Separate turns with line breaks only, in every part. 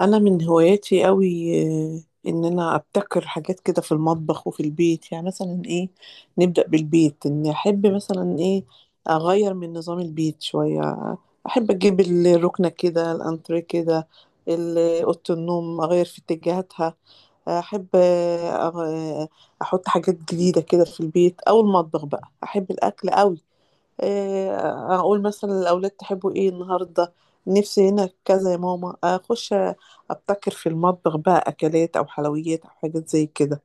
انا من هواياتي قوي. آه، ان انا ابتكر حاجات كده في المطبخ وفي البيت، يعني مثلا ايه؟ نبدأ بالبيت. ان احب مثلا ايه؟ اغير من نظام البيت شوية، احب اجيب الركنة كده، الانتريه كده، اوضة النوم اغير في اتجاهاتها. احب احط حاجات جديدة كده في البيت او المطبخ. بقى احب الاكل قوي. اقول مثلا الاولاد تحبوا ايه النهارده؟ نفسي هنا كذا يا ماما، اخش ابتكر في المطبخ بقى اكلات او حلويات او حاجات زي كده.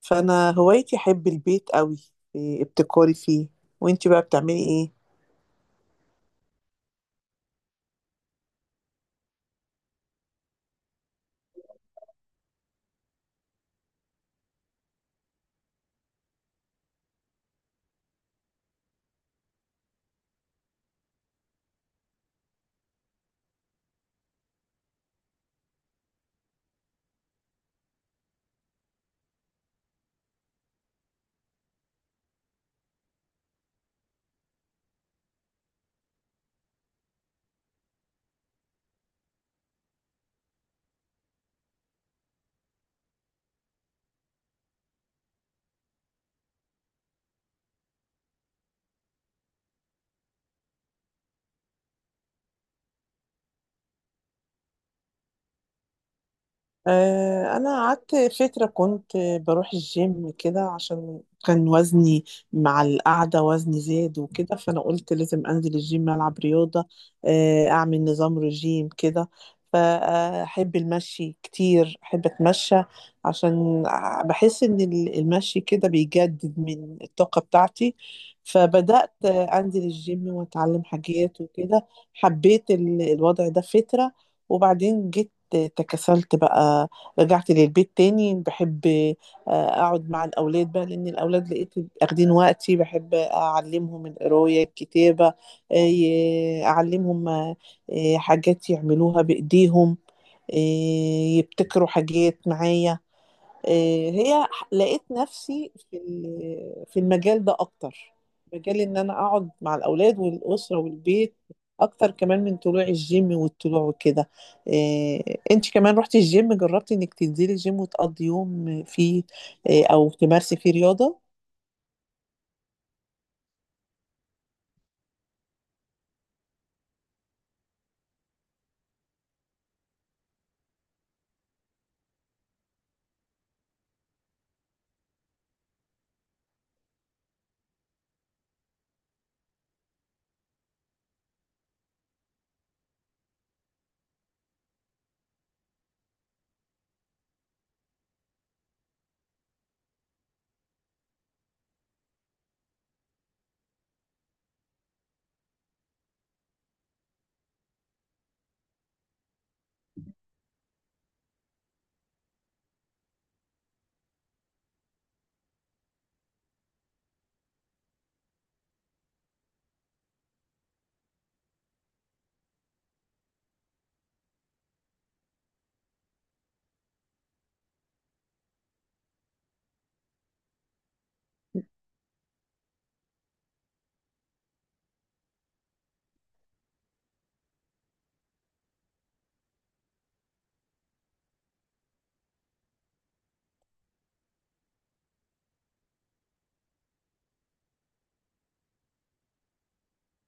فانا هوايتي احب البيت قوي. ابتكاري فيه. وانتي بقى بتعملي ايه؟ انا قعدت فتره كنت بروح الجيم كده، عشان كان وزني مع القعده وزني زاد وكده. فانا قلت لازم انزل الجيم، العب رياضه، اعمل نظام رجيم كده. فاحب المشي كتير، احب اتمشى عشان بحس ان المشي كده بيجدد من الطاقه بتاعتي. فبدات انزل الجيم واتعلم حاجات وكده. حبيت الوضع ده فتره، وبعدين جيت تكسلت بقى، رجعت للبيت تاني. بحب اقعد مع الاولاد بقى، لان الاولاد لقيت اخدين وقتي. بحب اعلمهم القرايه، الكتابه، اعلمهم حاجات يعملوها بايديهم، يبتكروا حاجات معايا. لقيت نفسي في المجال ده اكتر. مجال ان انا اقعد مع الاولاد والاسره والبيت، اكتر كمان من طلوع الجيم والطلوع وكده. إيه انت كمان رحتي الجيم، جربتي انك تنزلي الجيم وتقضي يوم فيه إيه، او تمارسي فيه رياضه؟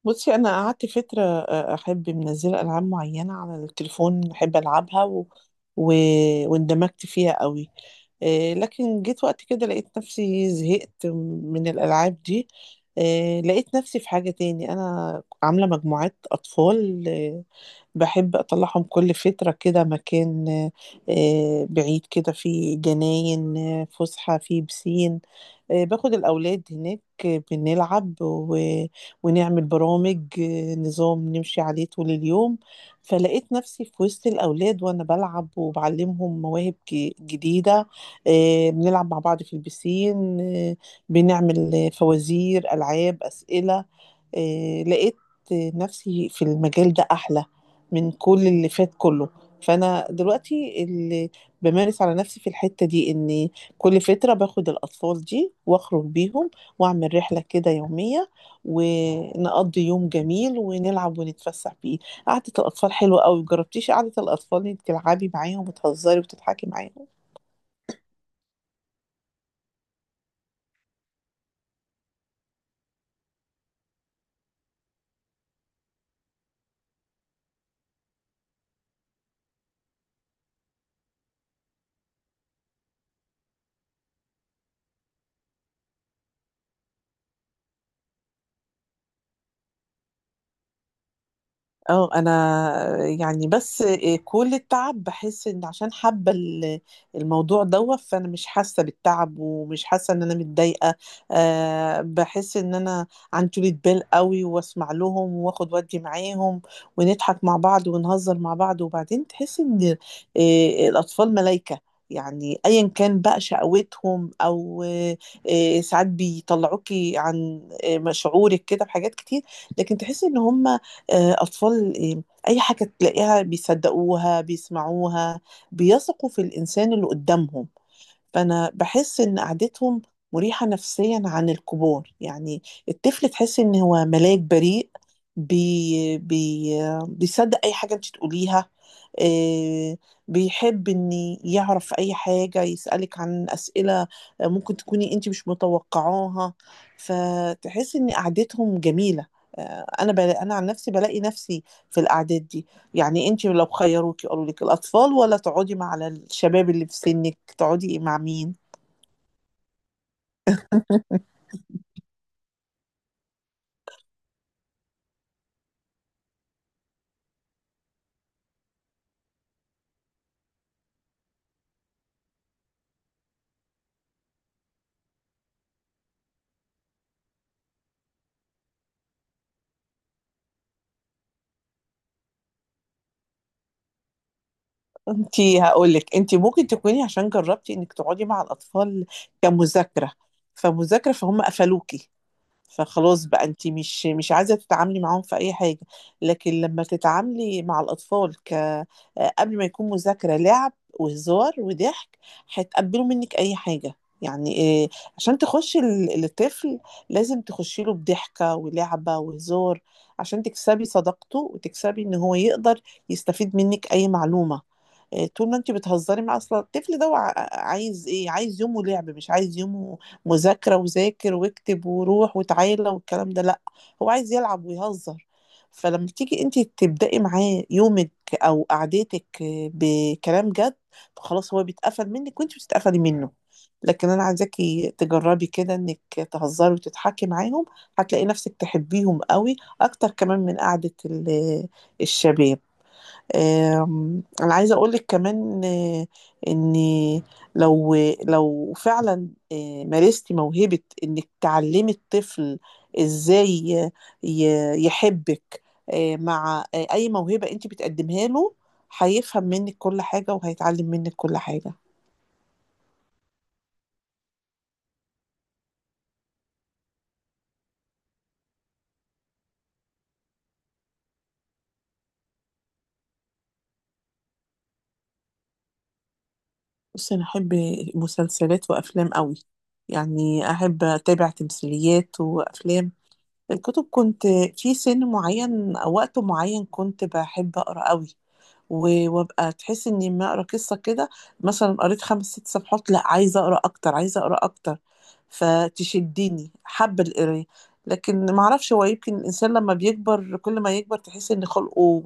بصي، انا قعدت فتره احب منزله العاب معينه على التليفون، احب العبها و... واندمجت فيها قوي. لكن جيت وقت كده لقيت نفسي زهقت من الالعاب دي. لقيت نفسي في حاجه تاني. انا عامله مجموعات اطفال، باحب أطلّعهم كل فترة كده مكان بعيد كده، فيه جناين، فُسحة، فيه بيسين. باخد الأولاد هناك، بنلعب ونعمل برامج، نظام نمشي عليه طول اليوم. فلقيت نفسي في وسط الأولاد وأنا بالعب وباعلّمهم مواهب جديدة، بنلعب مع بعض في البيسين، بنعمل فوازير، ألعاب، أسئلة. لقيت نفسي في المجال ده أحلى من كل اللي فات كله. فأنا دلوقتي اللي بمارس على نفسي في الحتة دي إن كل فترة باخد الأطفال دي وأخرج بيهم وأعمل رحلة كده يومية، ونقضي يوم جميل ونلعب ونتفسح بيه. قعدة الأطفال حلوة أوي. مجربتيش قعدة الأطفال إنك تلعبي معاهم وتهزري وتضحكي معاهم؟ اه، انا يعني بس كل التعب بحس ان عشان حابه الموضوع دوت، فانا مش حاسه بالتعب ومش حاسه ان انا متضايقه. أه بحس ان انا عن طولة بال قوي، واسمع لهم واخد ودي معاهم، ونضحك مع بعض ونهزر مع بعض. وبعدين تحس ان الاطفال ملايكه، يعني ايا كان بقى شقوتهم، او ساعات بيطلعوكي عن شعورك كده بحاجات كتير، لكن تحس ان هم أطفال. أي حاجة تلاقيها بيصدّقوها، بيسمعوها، بيثقوا في الإنسان اللي قدّامهم. فأنا باحس إن قعدتهم مريحة نفسيًا عن الكبار. يعني الطفل تحس إن هو ملاك بريء، بي بي بيصدق أي حاجة أنتِ تقوليها. آآ بيحب إن يعرف أي حاجة، يسألِك عن أسئلة ممكن تكوني أنتِ مش متوقعاها. فتحسي إن قعدتهم جميلة. أنا عن نفسي بالاقي نفسي في القعدات دي. يعني أنتِ لو خيّروكِ قالوا لِك الأطفال والّا تقعدي مع الشباب اللي في سِنِّك، تقعدي مع مين؟ أنتِ هاقول لِك، أنتِ ممكن تكوني عشان جرّبتِ إنِّك تقعدي مع الأطفال كمذاكرة، فمذاكرة فهُم قفلوكِ. فخلاص بقى أنتِ مش عايزة تتعاملي معاهم في أي حاجة. لكن لمّا تتعاملي مع الأطفال ك قبل ما يكون مذاكرة، لعب وهزار وضحك، هيتقبّلوا منِّك أي حاجة. يعني عشان تخُشّي الطفل لازم تخُشّي له بضحكة ولعبة وهزار، عشان تكسبي صداقته وتكسبي إن هو يقدر يستفيد منِّك أي معلومة. طول ما أنتِ بتهزّري معاه. أصل الطفل ده هو عايز إيه؟ عايز يومه لعب، مش عايز يومه مذاكرة وذاكر واكتب وروح وتعالى والكلام ده. لأ، هو عايز يلعب ويهزر. فلما تيجي انت تبدأي معاه يومك أو قعدتك بكلام جد، فخلاص هو بيتقفل منك وانت بتتقفلي منه. لكن انا عايزاكي تجربي كده انك تهزري وتضحكي معاهم، هتلاقي نفسك تحبيهم قوي اكتر كمان من قعدة الشباب. انا عايزه اقولك كمان، ان لو لو فعلا مارستي موهبه انك تعلمي الطفل ازاي يحبك، مع اي موهبه انت بتقدمها له، هيفهم منك كل حاجه وهيتعلم منك كل حاجه. بصي، انا احب مسلسلات وافلام قوي، يعني احب اتابع تمثيليات وافلام. الكتب كنت في سن معين او وقت معين كنت بحب اقرا قوي. وابقى تحس اني لما اقرا قصه كده، مثلا قريت خمس ست صفحات، لا عايزه اقرا اكتر، عايزه اقرا اكتر. فتشدني، حابه القرايه. لكن ما اعرفش، هو يمكن الانسان لما بيكبر كل ما يكبر تحس ان خلقه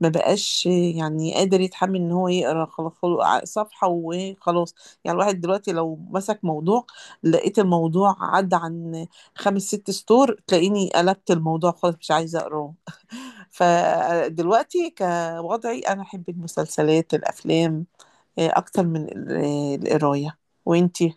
ما بقاش يعني قادر يتحمل ان هو يقرا. خلاص خلق صفحه وخلاص. يعني الواحد دلوقتي لو مسك موضوع، لقيت الموضوع عدى عن خمس ست سطور، تلاقيني قلبت الموضوع خلاص، مش عايزه اقراه. فدلوقتي كوضعي أنا أحب المسلسلات، الأفلام، أكتر من القراية. وإنتي؟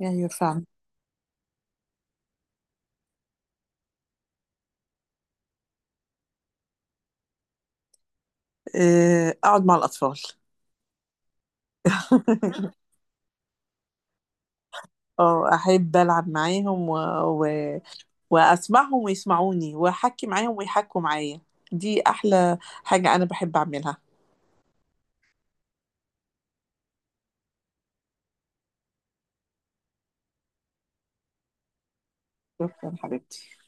ايوه فعلا. أقعد مع الأطفال. اه، احب العب معاهم و... واسمعهم ويسمعوني، واحكي معاهم ويحكوا معايا. دي احلى حاجة انا بحب اعملها. شكرا حبيبتي.